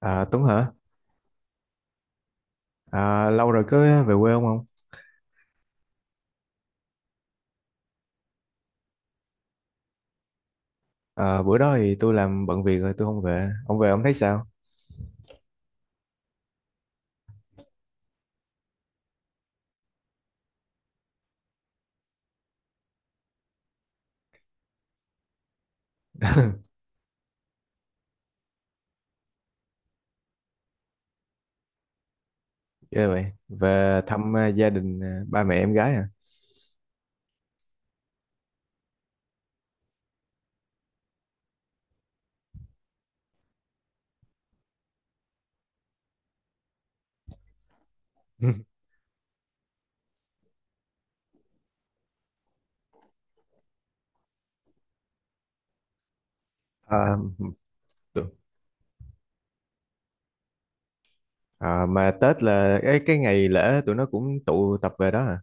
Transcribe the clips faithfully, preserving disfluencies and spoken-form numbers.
À, Tuấn hả? À, lâu rồi có về quê ông không? ông? À, bữa đó thì tôi làm bận việc rồi tôi không về. Ông về ông thấy sao? Ghê vậy. Về thăm à, gia đình à, ba mẹ em gái à? À, tụi- à, mà Tết là cái cái ngày lễ tụi nó cũng tụ tập về đó à?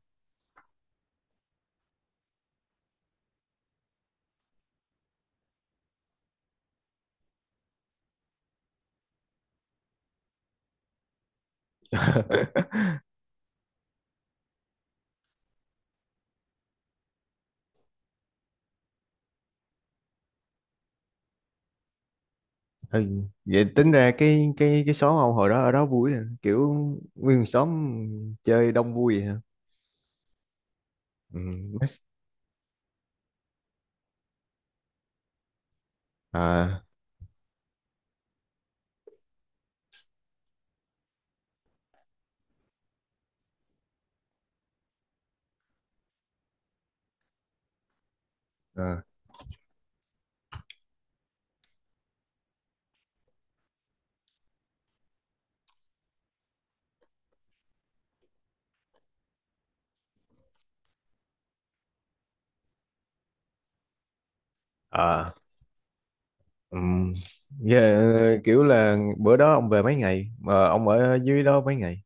Ừ. Vậy tính ra cái cái cái xóm ông hồi đó ở đó vui à? Kiểu nguyên xóm chơi đông vui vậy hả? Ừ. Mess. À, à, à. Ừm, yeah, kiểu là bữa đó ông về mấy ngày mà ông ở dưới đó mấy ngày?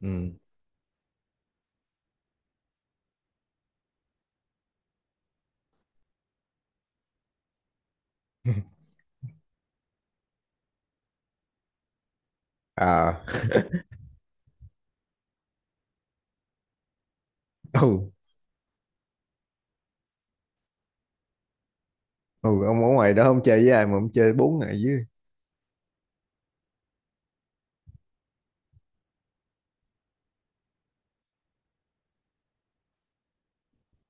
Ừ. À. Ừ. Ừ, ông ở ngoài đó ông chơi với ai mà ông chơi bốn ngày dưới?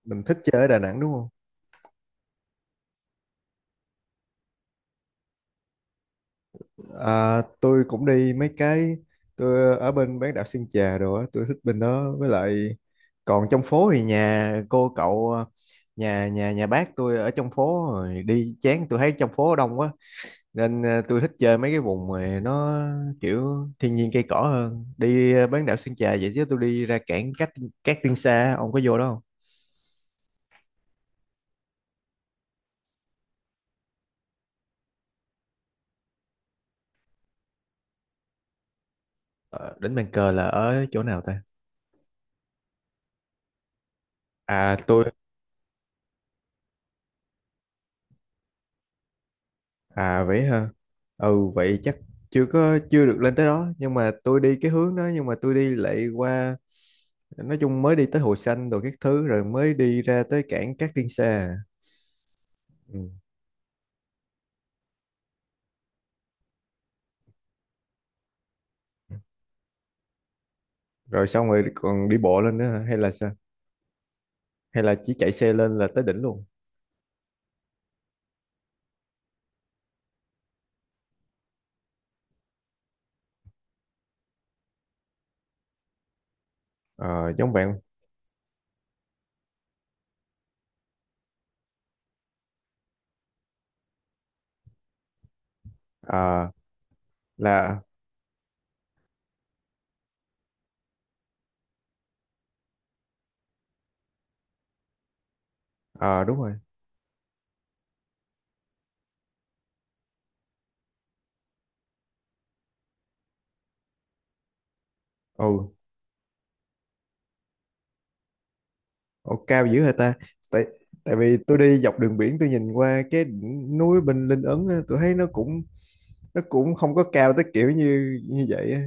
Mình thích chơi ở Đà Nẵng đúng không? À, tôi cũng đi mấy cái. Tôi ở bên bán đảo Sơn Trà rồi á, tôi thích bên đó với lại còn trong phố thì nhà cô cậu à, nhà nhà nhà bác tôi ở trong phố rồi đi chán, tôi thấy trong phố đông quá nên ờ, tôi thích chơi mấy cái vùng mà nó kiểu thiên nhiên cây cỏ hơn, đi ờ, bán đảo Sơn Trà vậy chứ tôi đi ra cảng Cát Cát Tiên Sa ông có vô đó không? ờ, Đỉnh Bàn Cờ là ở chỗ nào ta? À, tôi. À, vậy hả? Ừ. Vậy chắc chưa có chưa được lên tới đó, nhưng mà tôi đi cái hướng đó nhưng mà tôi đi lại qua, nói chung mới đi tới Hồ Xanh rồi các thứ rồi mới đi ra tới cảng Cát Tiên Sa. Ừ. Rồi xong rồi còn đi bộ lên nữa hả? Hay là sao? Hay là chỉ chạy xe lên là tới đỉnh luôn? Ờ, giống bạn. Ờ, là ờ, đúng rồi. Ừ. Ồ, cao dữ hả ta? Tại, tại vì tôi đi dọc đường biển tôi nhìn qua cái đỉnh núi bên Linh Ấn á, tôi thấy nó cũng nó cũng không có cao tới kiểu như như vậy á.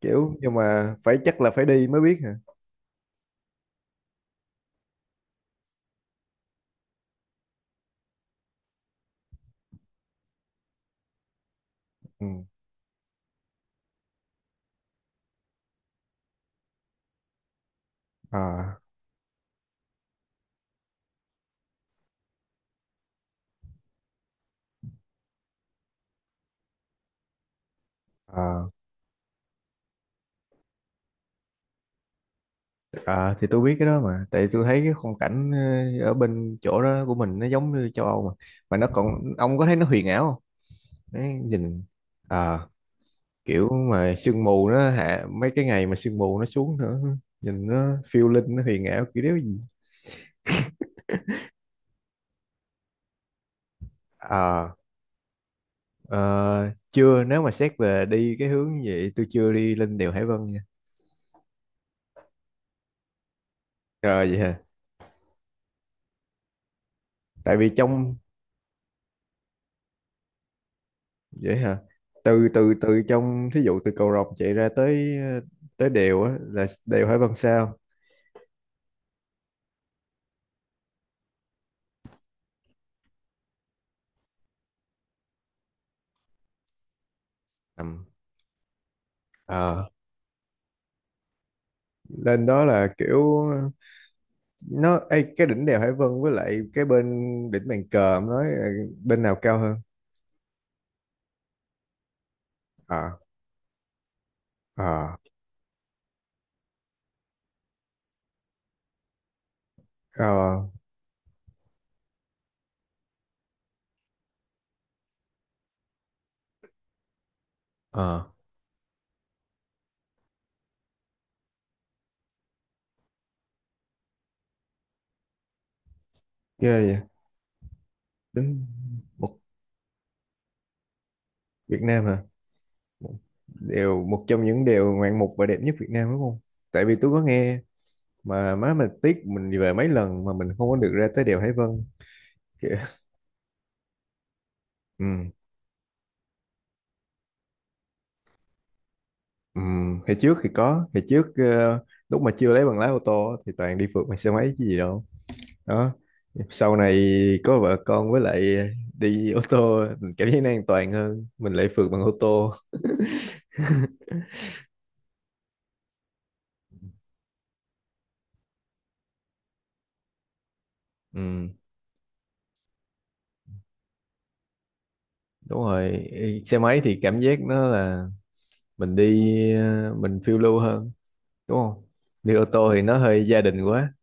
Kiểu nhưng mà phải chắc là phải đi mới biết hả? Ừ. Ờ, ờ, ờ, thì tôi biết cái đó mà tại tôi thấy cái khung cảnh ờ, ở bên chỗ đó của mình nó giống như châu Âu mà mà nó còn, ông có thấy nó huyền ảo không? Đấy, nhìn ờ, kiểu mà sương mù nó hạ, mấy cái ngày mà sương mù nó xuống nữa nhìn nó phiêu linh, nó huyền ảo kiểu đéo gì. ờ ờ, chưa, nếu mà xét về đi cái hướng như vậy tôi chưa đi lên đèo Hải Vân nha. Rồi vậy hả? Tại vì trong vậy hả từ từ từ trong thí dụ từ cầu Rồng chạy ra tới ờ, tới đèo á là đèo Hải Vân sao? Ừm. ờ Lên đó là kiểu nó ê, cái đỉnh đèo Hải Vân với lại cái bên đỉnh bàn cờ ông nói là bên nào cao hơn? ờ ờ Ờ. Ờ. Ghê vậy. Đúng một Việt Nam hả? Một- Đều một trong những điều ngoạn mục và đẹp nhất Việt Nam đúng không? Tại vì tôi có nghe mà má mình tiếc, mình đi về mấy lần mà mình không có được ra tới đèo Hải Vân. Kìa. Ừ. Ừ. Hồi trước thì có, hồi trước ờ, lúc mà chưa lấy bằng lái ô tô thì toàn đi phượt bằng xe máy chứ gì đâu. Đó. Sau này có vợ con với lại đi ô tô mình cảm thấy nó an toàn hơn, mình lại phượt bằng ô tô. Ừ, đúng rồi, xe máy thì cảm giác nó là mình đi ờ, mình phiêu lưu hơn, đúng không? Đi ô tô thì nó hơi gia đình quá.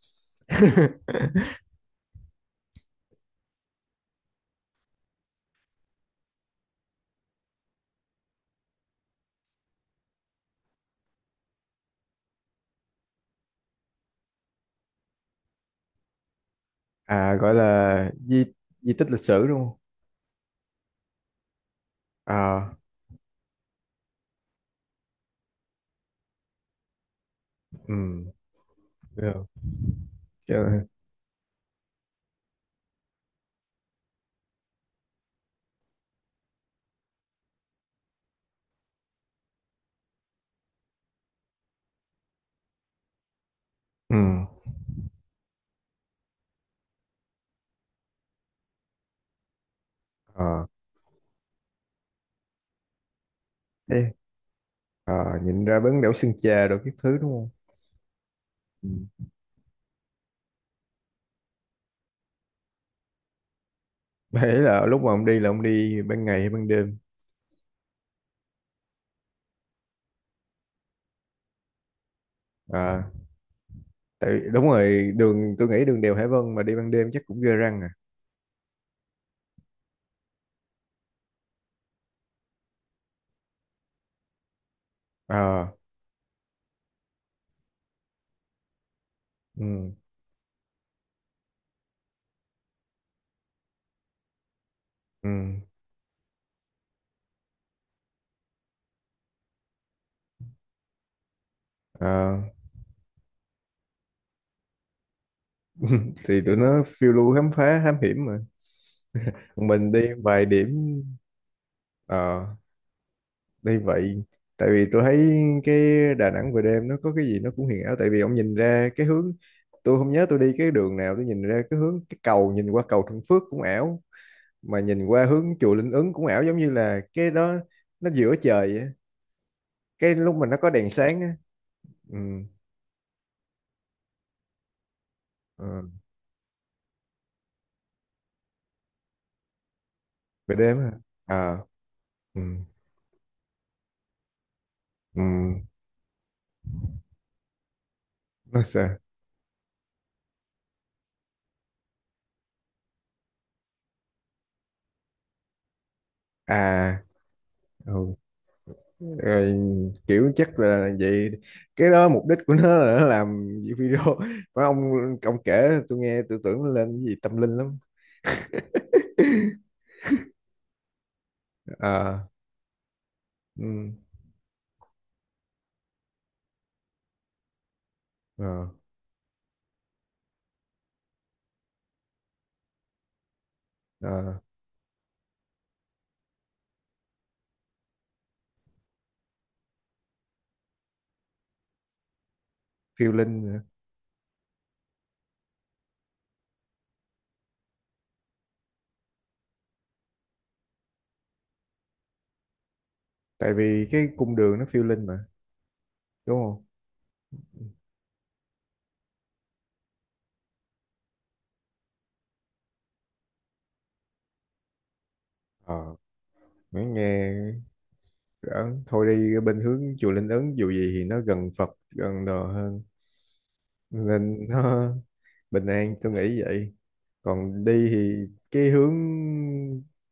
À, gọi là di, di tích lịch sử đúng không? À. Ừ. Được. Chứ- ừ. À, thế. À, nhìn ra bến đảo Sơn Trà rồi các thứ đúng không? Ừ. Đấy là lúc mà ông đi là ông đi ban ngày hay ban đêm? À, tại đúng rồi, đường tôi nghĩ đường đèo Hải Vân mà đi ban đêm chắc cũng ghê răng à. À. Ừ. Ừ. À, thì tụi nó phiêu lưu khám phá thám hiểm mà. Còn mình đi vài điểm. Ờ, đây vậy. Tại vì tôi thấy cái Đà Nẵng về đêm nó có cái gì nó cũng huyền ảo, tại vì ông nhìn ra cái hướng, tôi không nhớ tôi đi cái đường nào, tôi nhìn ra cái hướng cái cầu, nhìn qua cầu Thuận Phước cũng ảo, mà nhìn qua hướng chùa Linh Ứng cũng ảo, giống như là cái đó nó giữa trời vậy. Cái lúc mà nó có đèn sáng á. Ừ. ờ, Về đêm á. À. Ừ. Ừ, nó sao? À. Ừ. Rồi kiểu chắc là vậy, cái đó mục đích của nó là nó làm video mà, ông ông kể tôi nghe tôi tưởng nó lên cái gì tâm linh lắm. À. Ừ. À. À, phiêu linh nữa. Tại vì cái cung đường nó phiêu linh mà, đúng không? Ờ, mới nghe ấn thôi, đi bên hướng chùa Linh Ứng dù gì thì nó gần Phật gần đồ hơn nên nó bình an tôi nghĩ vậy. Còn đi thì cái hướng,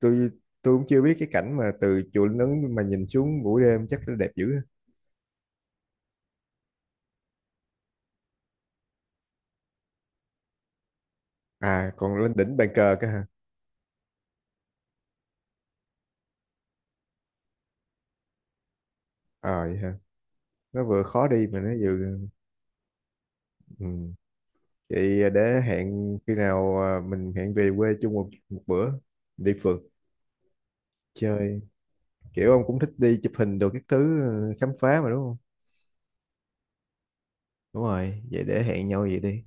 tôi tôi cũng chưa biết cái cảnh mà từ chùa Linh Ứng mà nhìn xuống buổi đêm chắc nó đẹp dữ ha. À còn lên đỉnh bàn cờ cơ hả? Ờ, vậy hả? Nó vừa khó đi mà nó vừa. Ừ. Vậy để hẹn khi nào, à, mình hẹn về quê chung một, một bữa đi phượt chơi, kiểu ông cũng thích đi chụp hình đồ các thứ, ờ, khám phá mà đúng không? Đúng rồi, vậy để hẹn nhau vậy đi.